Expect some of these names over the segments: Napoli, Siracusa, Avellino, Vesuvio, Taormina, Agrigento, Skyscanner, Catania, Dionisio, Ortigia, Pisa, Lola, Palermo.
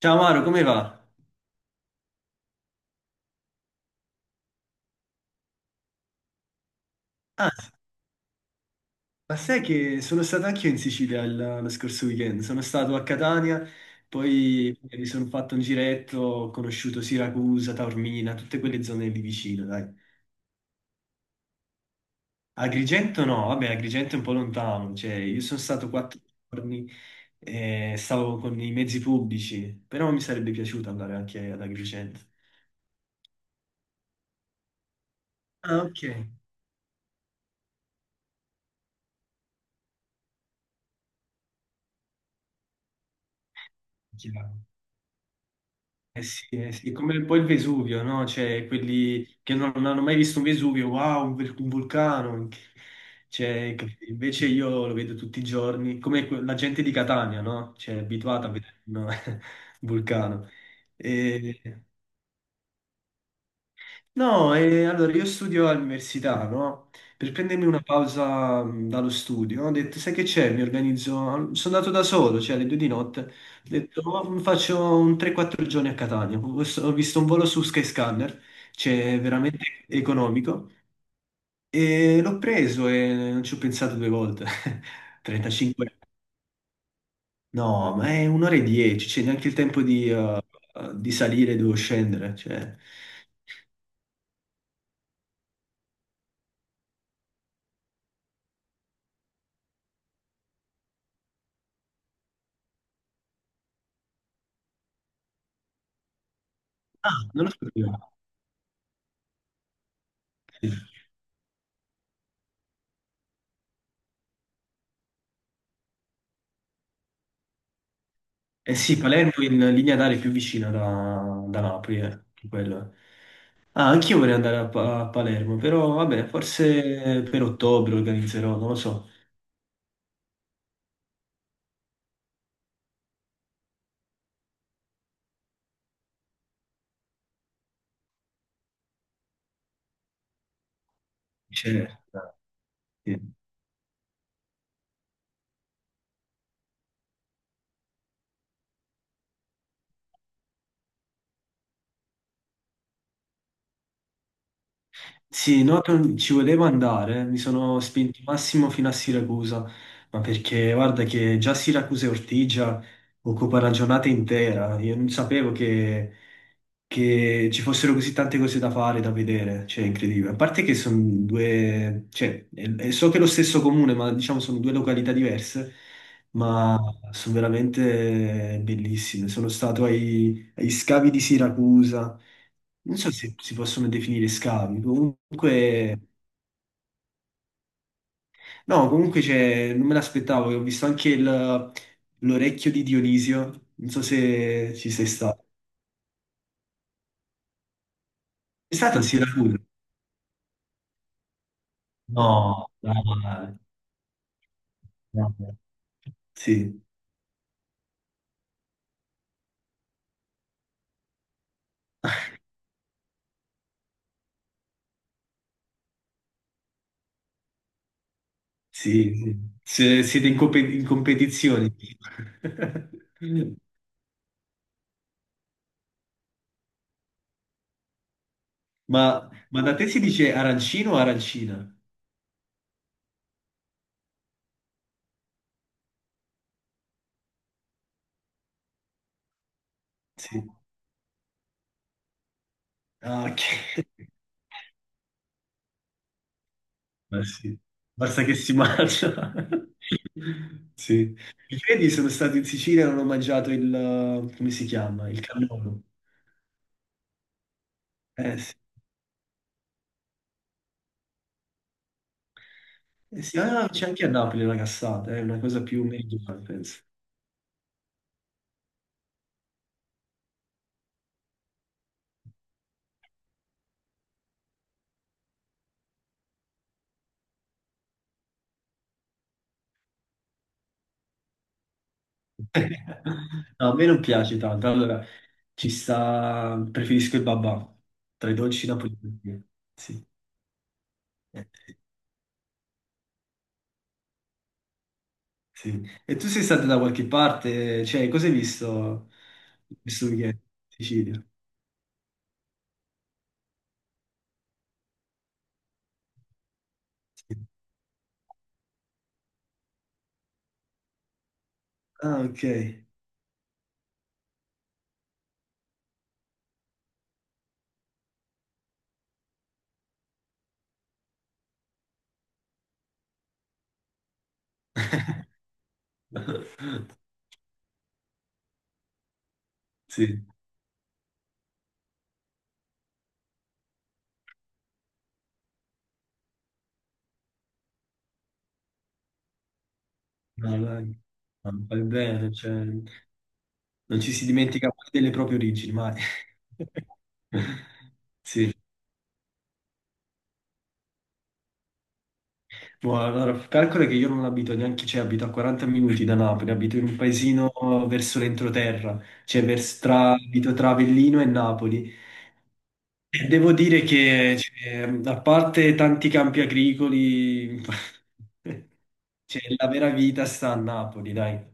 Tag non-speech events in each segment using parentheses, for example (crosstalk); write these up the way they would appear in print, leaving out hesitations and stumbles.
Ciao Maro, come va? Ah, ma sai che sono stato anch'io in Sicilia lo scorso weekend, sono stato a Catania, poi mi sono fatto un giretto, ho conosciuto Siracusa, Taormina, tutte quelle zone lì vicino, dai. Agrigento no, vabbè, Agrigento è un po' lontano, cioè io sono stato 4 giorni e stavo con i mezzi pubblici, però mi sarebbe piaciuto andare anche ad Agrigento. Ah, ok. Eh sì, eh sì. È come poi il Vesuvio, no? Cioè, quelli che non hanno mai visto un Vesuvio, wow, un vulcano. Cioè, invece io lo vedo tutti i giorni, come la gente di Catania, no? Cioè, è abituata a vedere un (laughs) un vulcano. E- No, e allora io studio all'università, no? Per prendermi una pausa dallo studio, ho detto, sai che c'è? Mi organizzo, sono andato da solo, cioè alle 2 di notte, ho detto, "Oh, mi faccio un 3-4 giorni a Catania, ho visto un volo su Skyscanner, cioè veramente economico, e l'ho preso e non ci ho pensato due volte, (laughs) 35 euro. No, ma è un'ora e dieci, c'è neanche il tempo di salire, devo scendere, cioè... Ah, non lo sapevo. Eh sì, Palermo è in linea d'aria è più vicina da Napoli, che quello è. Ah, anch'io vorrei andare a Palermo, però vabbè, forse per ottobre organizzerò, non lo so. C'è- sì. Sì, no, ci volevo andare, mi sono spinto massimo fino a Siracusa, ma perché guarda che già Siracusa e Ortigia occupa una giornata intera, io non sapevo che ci fossero così tante cose da fare, da vedere, cioè è incredibile. A parte che sono due, cioè, e so che è lo stesso comune, ma diciamo sono due località diverse, ma sono veramente bellissime. Sono stato agli scavi di Siracusa. Non so se si possono definire scavi, comunque, no, comunque c'è, non me l'aspettavo, ho visto anche l'orecchio di Dionisio, non so se ci sei stato. È stato a Siracusa? No, dai, no. Sì, sì, sì. Siete in competizione. (laughs) Ma da te si dice arancino o arancina? Sì. Ah, ok. Ma sì, basta che si mangia. (laughs) Sì. I piedi sono stato in Sicilia e non ho mangiato il, come si chiama? Il cannolo. Eh sì, eh sì. Ah, c'è anche a Napoli la cassata, è una cosa più meridionale, penso. (laughs) No, a me non piace tanto. Allora, ci sta, preferisco il babà, tra i dolci napoletani. Sì. Eh, sì. E tu sei stato da qualche parte? Cioè, cosa hai visto questo weekend in Sicilia? Sì. Ah, ok. (laughs) Sì, no, dai, ma fai bene, cioè, non ci si dimentica mai delle proprie origini, mai. (laughs) Sì, boh, allora, calcola che io non abito neanche, cioè abito a 40 minuti da Napoli, abito in un paesino verso l'entroterra, cioè tra, abito tra Avellino e Napoli. E devo dire che, cioè, a parte tanti campi agricoli, (laughs) cioè, la vera vita sta a Napoli, dai.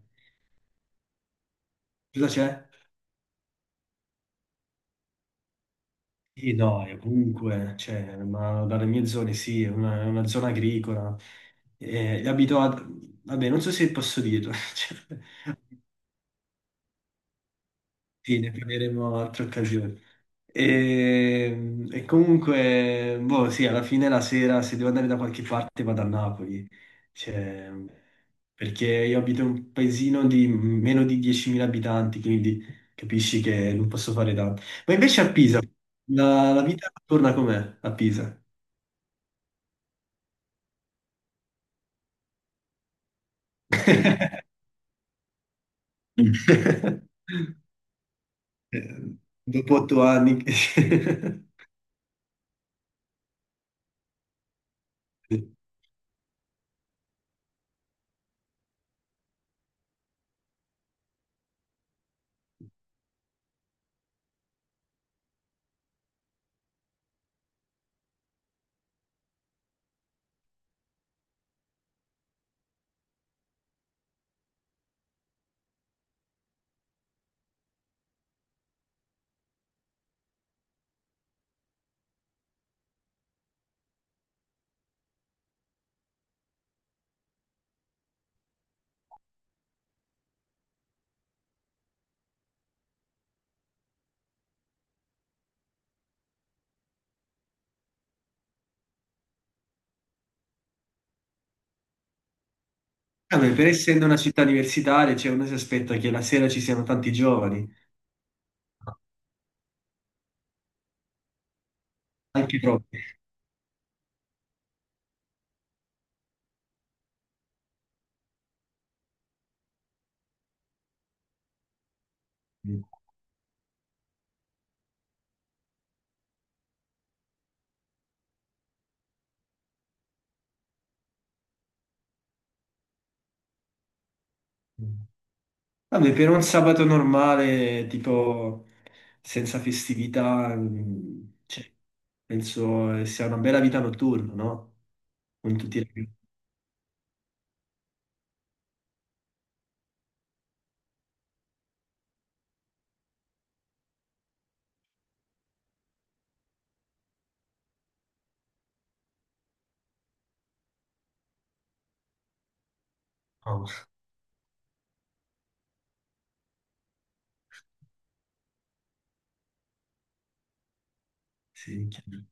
Cosa c'è? Sì, no, e comunque, cioè, ma dalle mie zone sì, è una zona agricola. E abito a... Vabbè, non so se posso dirlo. (laughs) cioè, sì, ne parleremo altre occasioni. E comunque, boh, sì, alla fine la sera, se devo andare da qualche parte, vado a Napoli. Cioè, perché io abito in un paesino di meno di 10.000 abitanti, quindi capisci che non posso fare tanto. Ma invece a Pisa, la vita torna com'è a Pisa? (laughs) Eh, Dopo 8 anni, (laughs) Vabbè, per essendo una città universitaria, cioè, uno si aspetta che la sera ci siano tanti giovani, anche troppi. Vabbè, per un sabato normale, tipo senza festività, cioè, penso sia una bella vita notturna, no? Con tutti i ragazzi. No, sì, chiaro.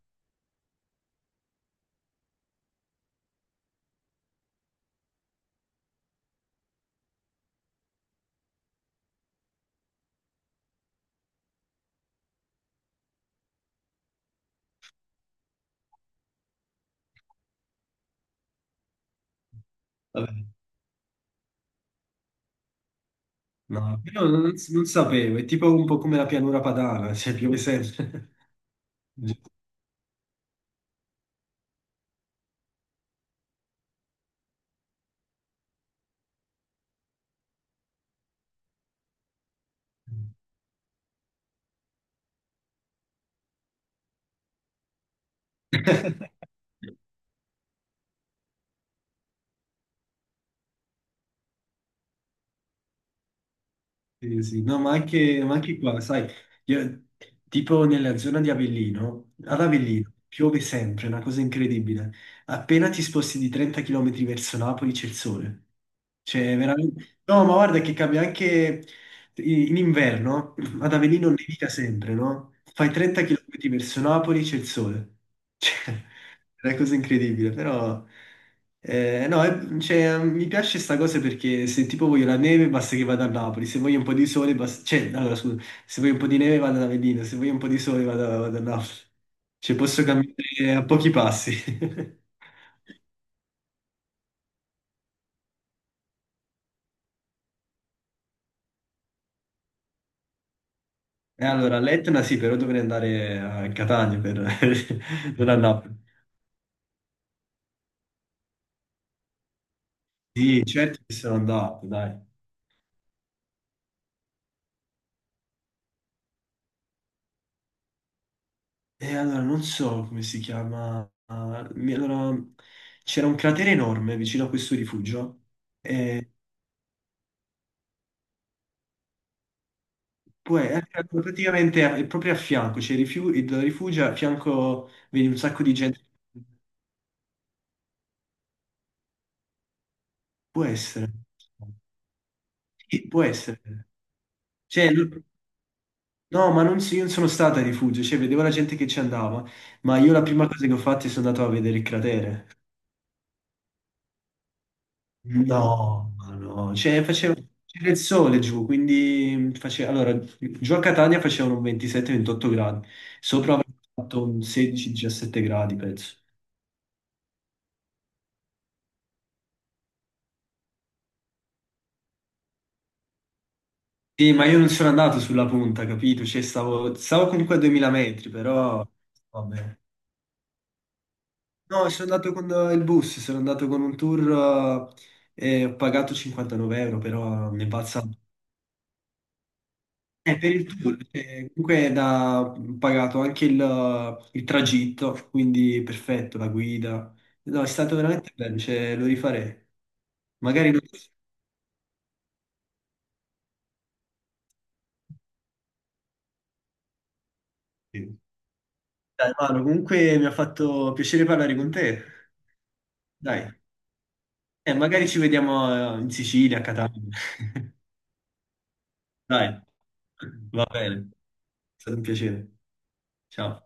Vabbè, no, però non sapevo, è tipo un po' come la pianura padana, (laughs) cioè piove sempre. (laughs) (laughs) Sì, sì. No, ma anche qua, sai, io- tipo nella zona di Avellino, ad Avellino piove sempre, è una cosa incredibile. Appena ti sposti di 30 km verso Napoli c'è il sole. Cioè, veramente... No, ma guarda che cambia anche in inverno, ad Avellino nevica sempre, no? Fai 30 km verso Napoli c'è il sole. Cioè, (laughs) è una cosa incredibile, però no, cioè, mi piace sta cosa perché se tipo voglio la neve basta che vada a Napoli, se voglio un po' di sole basta, cioè, allora, scusa, se voglio un po' di neve vado ad Avellino, se voglio un po' di sole vado a Napoli, cioè posso camminare a pochi passi. (laughs) E allora all'Etna sì, però dovrei andare a Catania per... (laughs) non a Napoli. Sì, certo che sono andato, dai. E allora non so come si chiama. Allora, c'era un cratere enorme vicino a questo rifugio. E poi praticamente proprio a fianco c'è il rifugio, a fianco vedi un sacco di gente. Può essere. Sì, può essere. Cioè, no, ma non, io non sono stato al rifugio, cioè, vedevo la gente che ci andava, ma io la prima cosa che ho fatto è sono andato a vedere il cratere. No, ma no, cioè faceva, c'era il sole giù, quindi faceva, allora, giù a Catania facevano 27-28 gradi, sopra avevano fatto un 16-17 gradi, penso. Sì, ma io non sono andato sulla punta, capito? Cioè, stavo comunque a 2000 metri, però vabbè. No, sono andato con il bus, sono andato con un tour e ho pagato 59 euro, però mi è balzato. Per il tour, comunque è da pagato anche il tragitto, quindi perfetto, la guida. No, è stato veramente bello, cioè, lo rifarei. Magari non... Sì. Dai, Manu, comunque mi ha fatto piacere parlare con te. Dai, magari ci vediamo in Sicilia, a Catania. (laughs) Dai, va bene, è stato un piacere. Ciao.